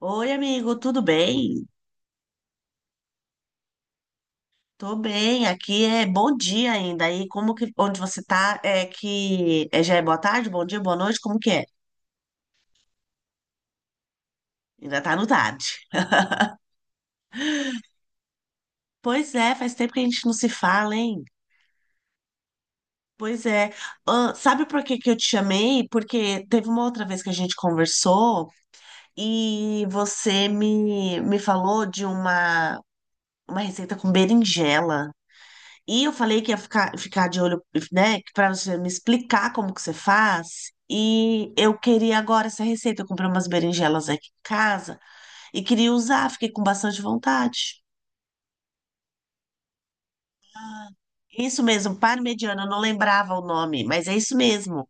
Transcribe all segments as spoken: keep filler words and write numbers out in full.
Oi, amigo, tudo bem? Tô bem, aqui é bom dia ainda. Aí, como que, onde você tá, é que é, já é boa tarde, bom dia, boa noite, como que é? Ainda tá no tarde. Pois é, faz tempo que a gente não se fala, hein? Pois é. Ah, sabe por que que eu te chamei? Porque teve uma outra vez que a gente conversou e você me, me falou de uma, uma receita com berinjela. E eu falei que ia ficar, ficar de olho, né, para você me explicar como que você faz. E eu queria agora essa receita. Eu comprei umas berinjelas aqui em casa e queria usar, fiquei com bastante vontade. Isso mesmo, parmegiana, eu não lembrava o nome, mas é isso mesmo.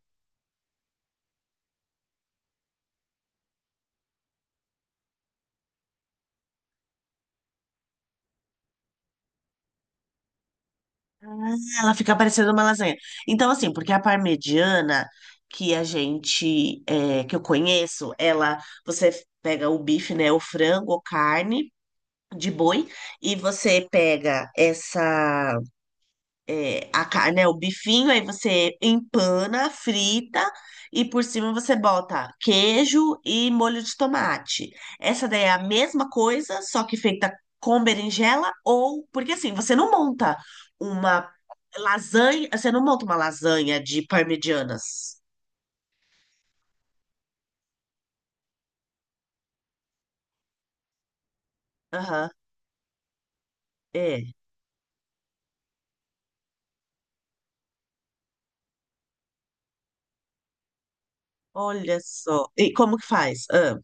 Ah, ela fica parecendo uma lasanha. Então, assim, porque a parmegiana que a gente, é, que eu conheço, ela, você pega o bife, né, o frango ou carne de boi, e você pega essa é, a carne, né, o bifinho, aí você empana, frita e por cima você bota queijo e molho de tomate. Essa daí é a mesma coisa, só que feita com berinjela ou porque assim, você não monta uma lasanha, você não monta uma lasanha de parmegianas. Aham, é. Olha só. E como que faz? Ah,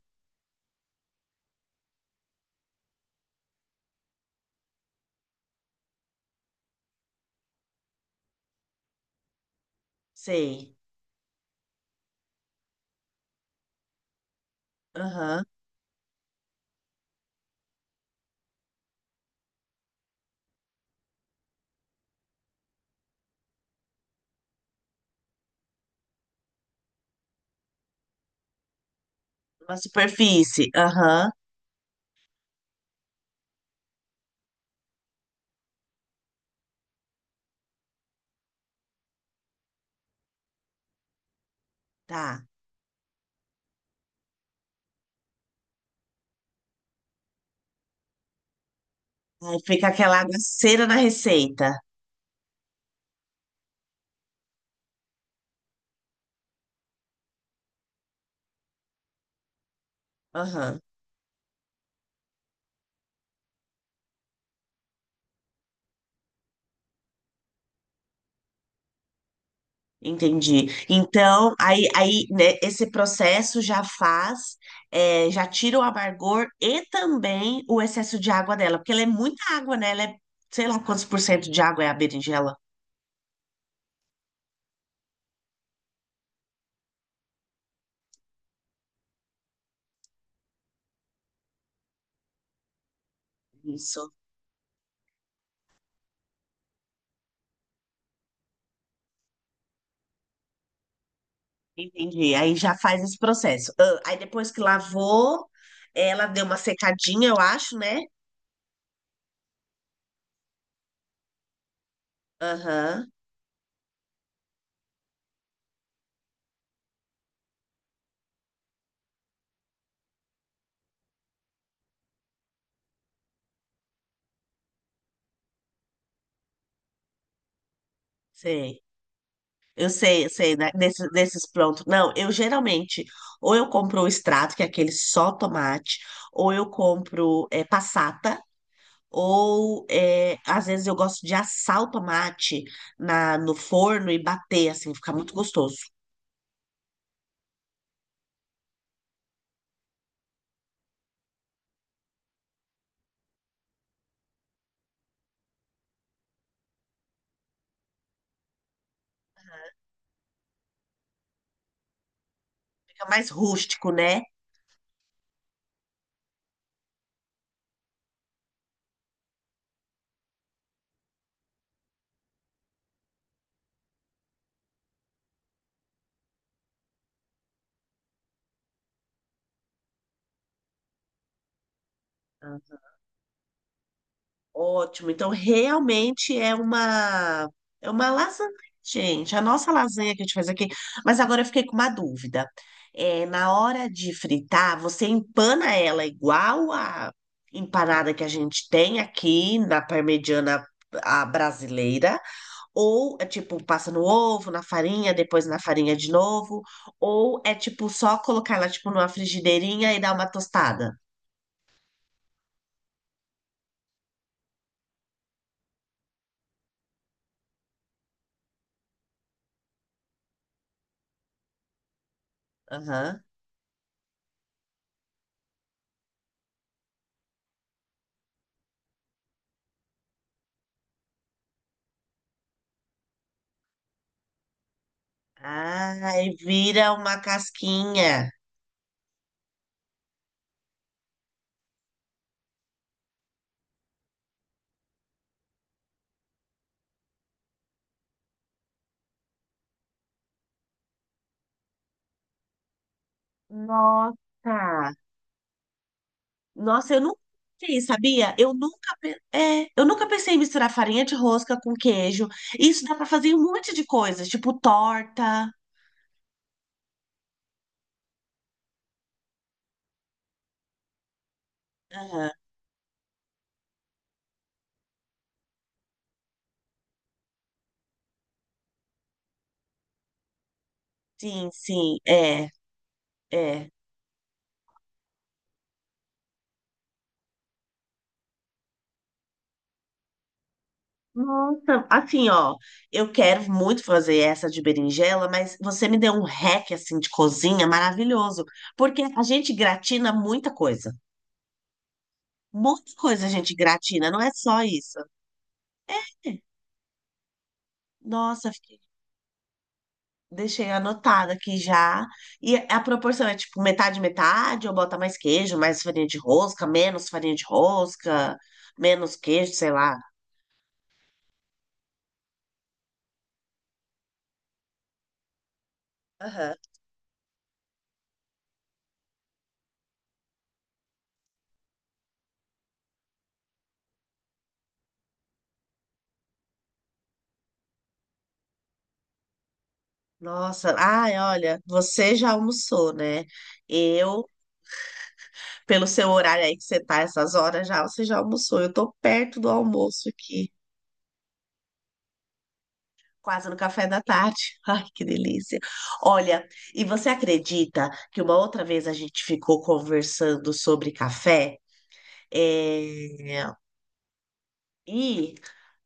sei. Aham. Uma superfície. Aham. Tá. Aí fica aquela cera na receita. Aham. Entendi. Então, aí, aí né, esse processo já faz, é, já tira o amargor e também o excesso de água dela, porque ela é muita água, né? Ela é, sei lá quantos por cento de água é a berinjela. Isso, entendi. Aí já faz esse processo. Ah, aí depois que lavou, ela deu uma secadinha, eu acho, né? Aham, sei. Eu sei, eu sei, né? Desses, desses prontos. Não, eu geralmente, ou eu compro o extrato, que é aquele só tomate, ou eu compro é, passata, ou é, às vezes eu gosto de assar o tomate na, no forno e bater, assim, fica muito gostoso. Fica mais rústico, né? Ótimo. Então, realmente é uma é uma lasanha, gente. A nossa lasanha que a gente faz aqui. Mas agora eu fiquei com uma dúvida. É, na hora de fritar, você empana ela igual a empanada que a gente tem aqui na parmegiana a brasileira? Ou é tipo, passa no ovo, na farinha, depois na farinha de novo? Ou é tipo só colocar ela tipo numa frigideirinha e dar uma tostada? Aham. Ah, e vira uma casquinha. Nossa! Nossa, eu nunca fiz, sabia? Eu nunca, pe- é, eu nunca pensei em misturar farinha de rosca com queijo. Isso dá pra fazer um monte de coisas, tipo torta. Aham, sim, sim, é, é. Nossa, assim, ó, eu quero muito fazer essa de berinjela, mas você me deu um hack, assim, de cozinha maravilhoso, porque a gente gratina muita coisa. Muita coisa a gente gratina, não é só isso. Nossa, fiquei- deixei anotado aqui já. E a proporção é tipo metade, metade, ou bota mais queijo, mais farinha de rosca, menos farinha de rosca, menos queijo, sei lá. Aham. Nossa, ai, olha, você já almoçou, né? Eu, pelo seu horário aí que você tá essas horas já, você já almoçou. Eu tô perto do almoço aqui, quase no café da tarde. Ai, que delícia. Olha, e você acredita que uma outra vez a gente ficou conversando sobre café? É, e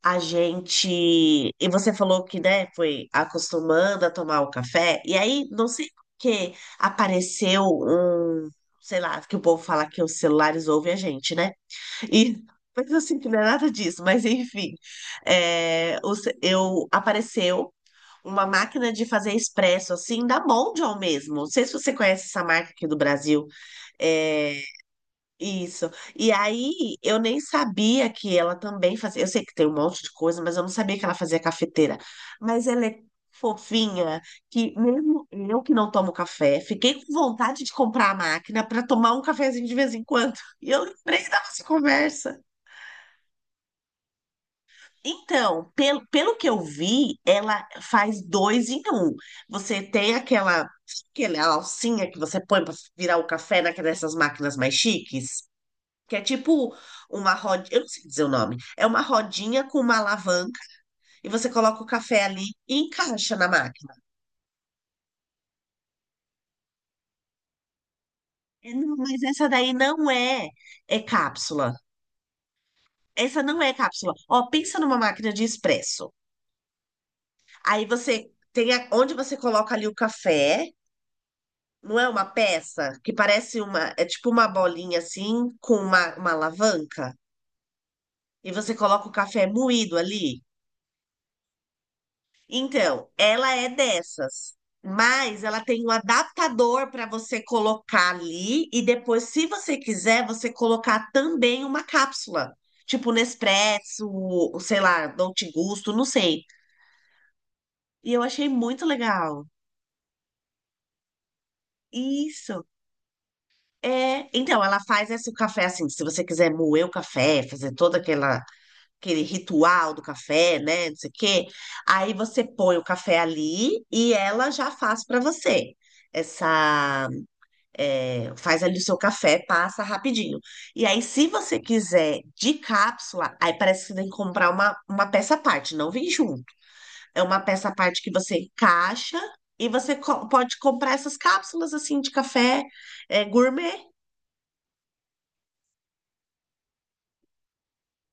a gente. E você falou que, né, foi acostumando a tomar o café. E aí, não sei por que apareceu um. Sei lá, que o povo fala que os celulares ouvem a gente, né? E. Mas eu sinto que não é nada disso. Mas, enfim. É, o ce- eu, apareceu uma máquina de fazer expresso, assim, da Mondial mesmo. Não sei se você conhece essa marca aqui do Brasil. É, isso. E aí, eu nem sabia que ela também fazia. Eu sei que tem um monte de coisa, mas eu não sabia que ela fazia cafeteira. Mas ela é fofinha, que mesmo eu que não tomo café, fiquei com vontade de comprar a máquina para tomar um cafezinho de vez em quando. E eu lembrei da nossa conversa. Então, pelo, pelo que eu vi, ela faz dois em um. Você tem aquela, aquela alcinha que você põe para virar o café naquela dessas máquinas mais chiques. Que é tipo uma rodinha, eu não sei dizer o nome, é uma rodinha com uma alavanca e você coloca o café ali e encaixa na máquina. É, não, mas essa daí não é, é cápsula. Essa não é cápsula. Ó, pensa numa máquina de expresso. Aí você tem a- onde você coloca ali o café, não é uma peça que parece uma, é tipo uma bolinha assim com uma, uma alavanca e você coloca o café moído ali. Então, ela é dessas, mas ela tem um adaptador para você colocar ali e depois, se você quiser, você colocar também uma cápsula, tipo Nespresso, ou sei lá, Dolce Gusto, não sei. E eu achei muito legal. Isso. É, então, ela faz esse café assim, se você quiser moer o café, fazer todo aquela, aquele ritual do café, né, não sei o quê, aí você põe o café ali e ela já faz para você essa é, faz ali o seu café, passa rapidinho. E aí, se você quiser de cápsula, aí parece que você tem que comprar uma, uma peça à parte, não vem junto. É uma peça à parte que você encaixa e você co- pode comprar essas cápsulas assim de café é, gourmet.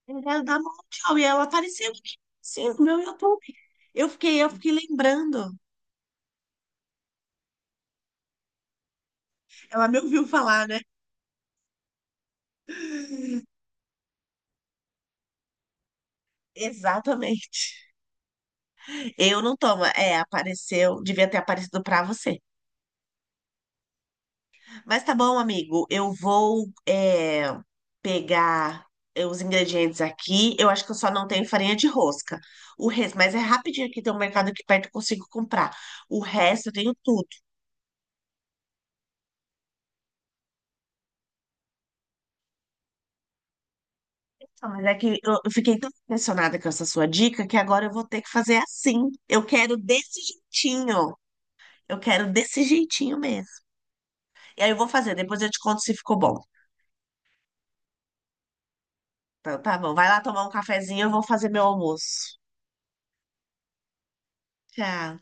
Eu quero dar uma mundial. E ela apareceu aqui, sim, no meu YouTube. Eu fiquei, eu fiquei lembrando. Ela me ouviu falar, né? Exatamente. Eu não tomo. É, apareceu, devia ter aparecido pra você. Mas tá bom, amigo. Eu vou é, pegar é, os ingredientes aqui. Eu acho que eu só não tenho farinha de rosca. O resto, mas é rapidinho aqui, tem um mercado aqui perto, eu consigo comprar. O resto eu tenho tudo. Ah, mas é que eu eu fiquei tão impressionada com essa sua dica que agora eu vou ter que fazer assim. Eu quero desse jeitinho. Eu quero desse jeitinho mesmo. E aí eu vou fazer, depois eu te conto se ficou bom. Então tá bom. Vai lá tomar um cafezinho, eu vou fazer meu almoço. Tchau.